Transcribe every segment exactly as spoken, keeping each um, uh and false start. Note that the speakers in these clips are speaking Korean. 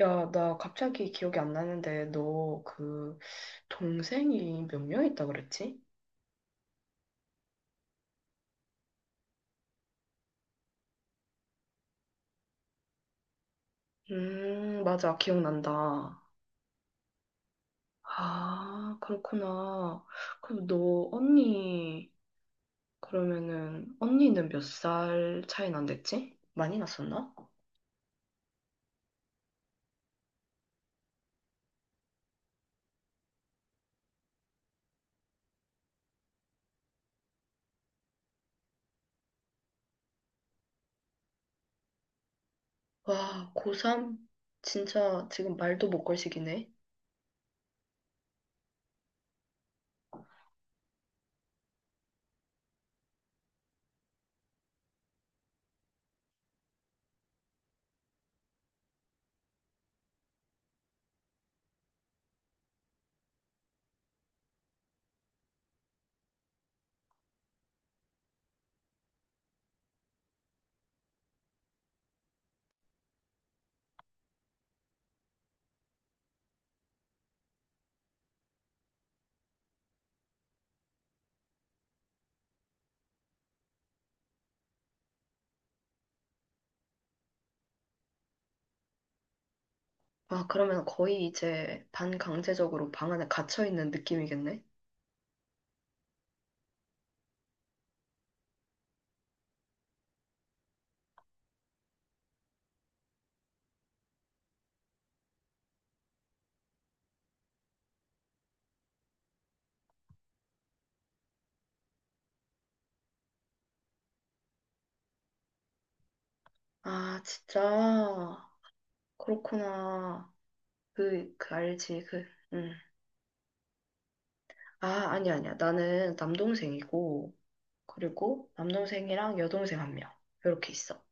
야, 나 갑자기 기억이 안 나는데, 너 그 동생이 몇 명 있다 그랬지? 음, 맞아. 기억난다. 아, 그렇구나. 그럼 너 언니, 그러면은, 언니는 몇 살 차이 난댔지? 많이 났었나? 와, 고삼? 진짜 지금 말도 못 걸 시기네. 아, 그러면 거의 이제 반강제적으로 방 안에 갇혀 있는 느낌이겠네? 아, 진짜. 그렇구나. 그, 그 알지, 그, 음. 아, 아니야, 아니야. 나는 남동생이고, 그리고 남동생이랑 여동생 한 명. 이렇게 있어.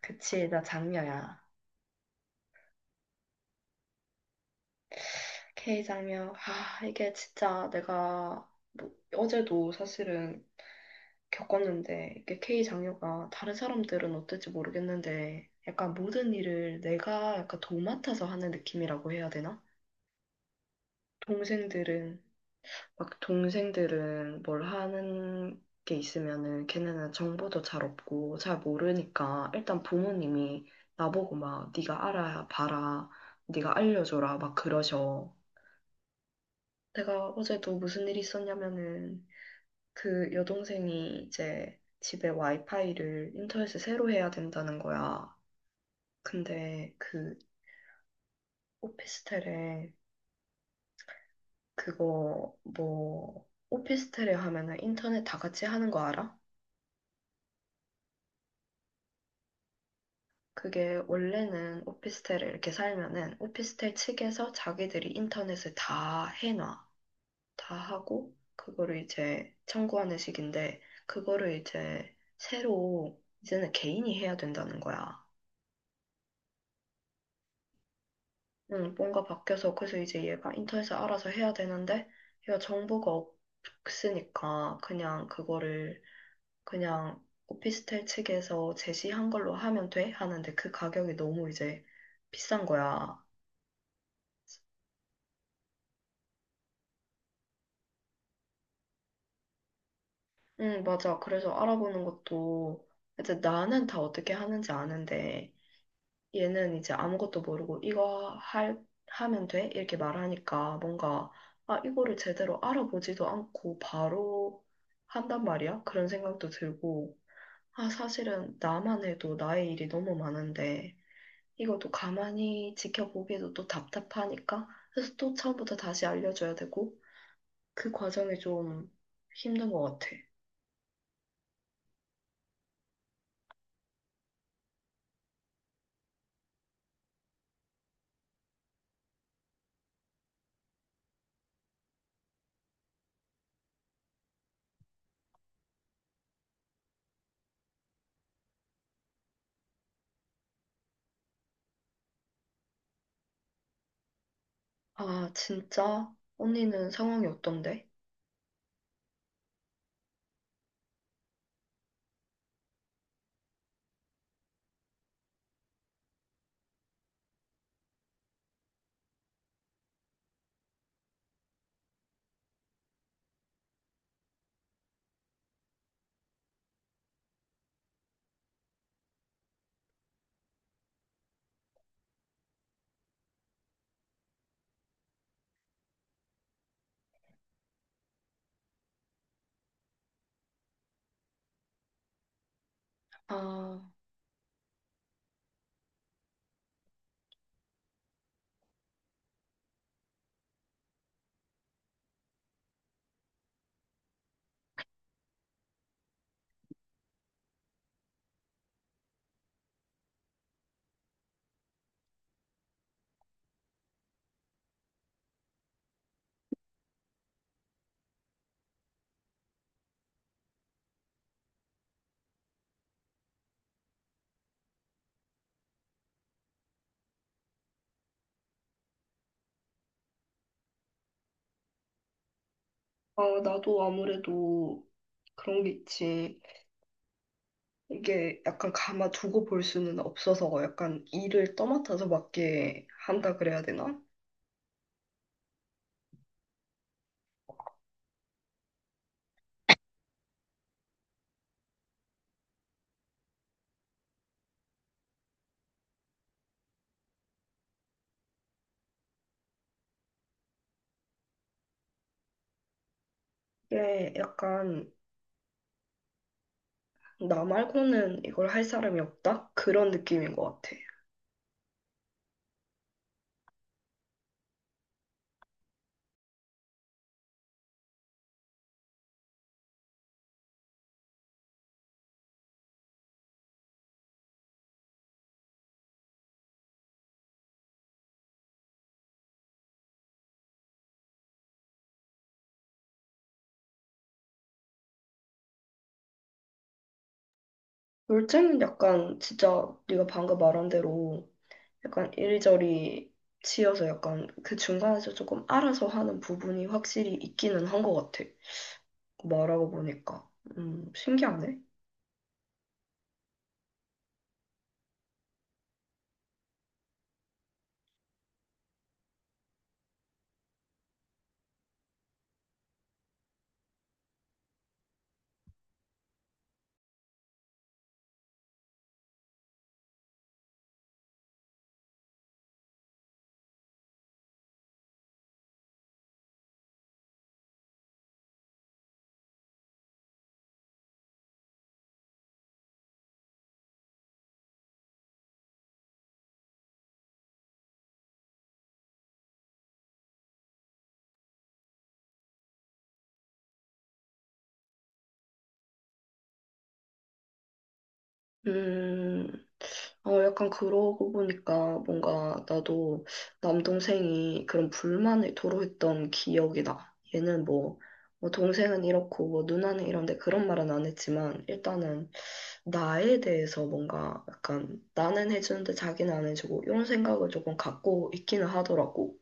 그치, 나 장녀야. K 장녀. 아, 이게 진짜 내가, 뭐, 어제도 사실은 겪었는데, 이게 K 장녀가 다른 사람들은 어떨지 모르겠는데, 약간 모든 일을 내가 약간 도맡아서 하는 느낌이라고 해야 되나? 동생들은 막 동생들은 뭘 하는 게 있으면은 걔네는 정보도 잘 없고 잘 모르니까 일단 부모님이 나보고 막 네가 알아 봐라 네가 알려줘라 막 그러셔. 내가 어제도 무슨 일이 있었냐면은 그 여동생이 이제 집에 와이파이를 인터넷을 새로 해야 된다는 거야. 근데 그 오피스텔에 그거 뭐 오피스텔에 하면은 인터넷 다 같이 하는 거 알아? 그게 원래는 오피스텔에 이렇게 살면은 오피스텔 측에서 자기들이 인터넷을 다 해놔. 다 하고, 그거를 이제 청구하는 식인데, 그거를 이제 새로 이제는 개인이 해야 된다는 거야. 응, 뭔가 바뀌어서, 그래서 이제 얘가 인터넷을 알아서 해야 되는데, 얘가 정보가 없으니까 그냥 그거를 그냥 오피스텔 측에서 제시한 걸로 하면 돼? 하는데 그 가격이 너무 이제 비싼 거야. 응, 맞아. 그래서 알아보는 것도, 이제 나는 다 어떻게 하는지 아는데, 얘는 이제 아무것도 모르고, 이거 할, 하면 돼? 이렇게 말하니까, 뭔가, 아, 이거를 제대로 알아보지도 않고, 바로 한단 말이야? 그런 생각도 들고, 아, 사실은 나만 해도 나의 일이 너무 많은데, 이것도 가만히 지켜보기에도 또 답답하니까, 그래서 또 처음부터 다시 알려줘야 되고, 그 과정이 좀 힘든 것 같아. 아, 진짜? 언니는 상황이 어떤데? 아, 아, 나도 아무래도 그런 게 있지. 이게 약간 감아두고 볼 수는 없어서 약간 일을 떠맡아서 맡게 한다 그래야 되나? 이게 약간 나 말고는 이걸 할 사람이 없다? 그런 느낌인 것 같아. 둘째는 약간 진짜 네가 방금 말한 대로 약간 이리저리 치여서 약간 그 중간에서 조금 알아서 하는 부분이 확실히 있기는 한 것 같아. 말하고 보니까. 음, 신기하네. 음, 어, 약간 그러고 보니까 뭔가 나도 남동생이 그런 불만을 토로했던 기억이 나. 얘는 뭐, 뭐 동생은 이렇고 뭐 누나는 이런데 그런 말은 안 했지만 일단은 나에 대해서 뭔가 약간 나는 해주는데 자기는 안 해주고 이런 생각을 조금 갖고 있기는 하더라고.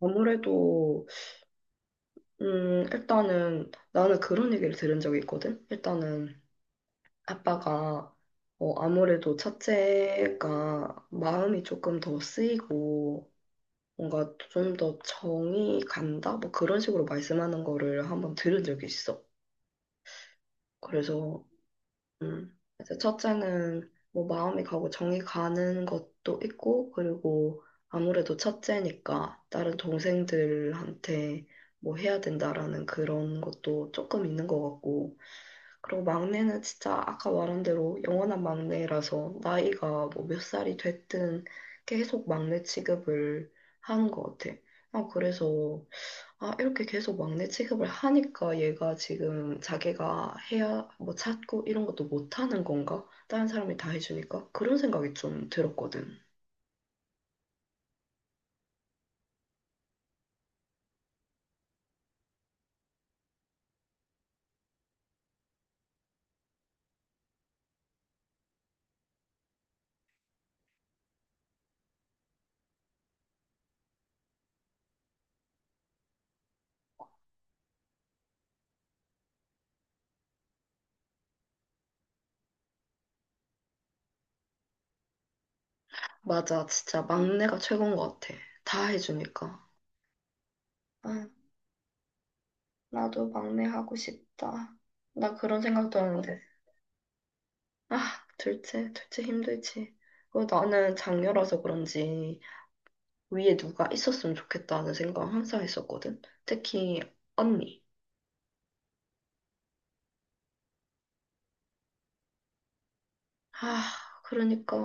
아무래도 음 일단은 나는 그런 얘기를 들은 적이 있거든. 일단은 아빠가 어, 아무래도 첫째가 마음이 조금 더 쓰이고 뭔가 좀 더 정이 간다? 뭐 그런 식으로 말씀하는 거를 한번 들은 적이 있어. 그래서 음. 그래서 첫째는 뭐 마음이 가고 정이 가는 것도 있고, 그리고 아무래도 첫째니까 다른 동생들한테 뭐 해야 된다라는 그런 것도 조금 있는 것 같고, 그리고 막내는 진짜 아까 말한 대로 영원한 막내라서 나이가 뭐 몇 살이 됐든 계속 막내 취급을 하는 것 같아. 아, 그래서 아, 이렇게 계속 막내 취급을 하니까 얘가 지금 자기가 해야 뭐 찾고 이런 것도 못하는 건가? 다른 사람이 다 해주니까? 그런 생각이 좀 들었거든. 맞아, 진짜 막내가 최고인 것 같아. 다 해주니까. 아, 나도 막내 하고 싶다. 나 그런 생각도 하는데. 아, 둘째, 둘째 힘들지. 그리고 나는 장녀라서 그런지 위에 누가 있었으면 좋겠다는 생각 항상 했었거든. 특히 언니. 아, 그러니까.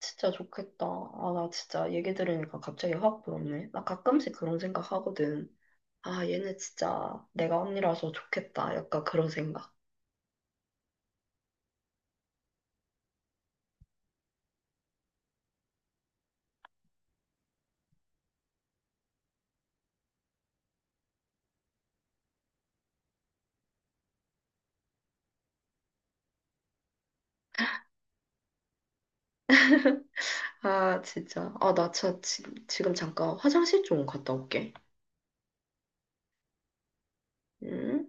진짜 좋겠다. 아, 나 진짜 얘기 들으니까 갑자기 확 부럽네. 나 가끔씩 그런 생각 하거든. 아, 얘네 진짜 내가 언니라서 좋겠다. 약간 그런 생각. 아, 진짜. 아, 나 차, 지, 지금 잠깐 화장실 좀 갔다 올게. 응?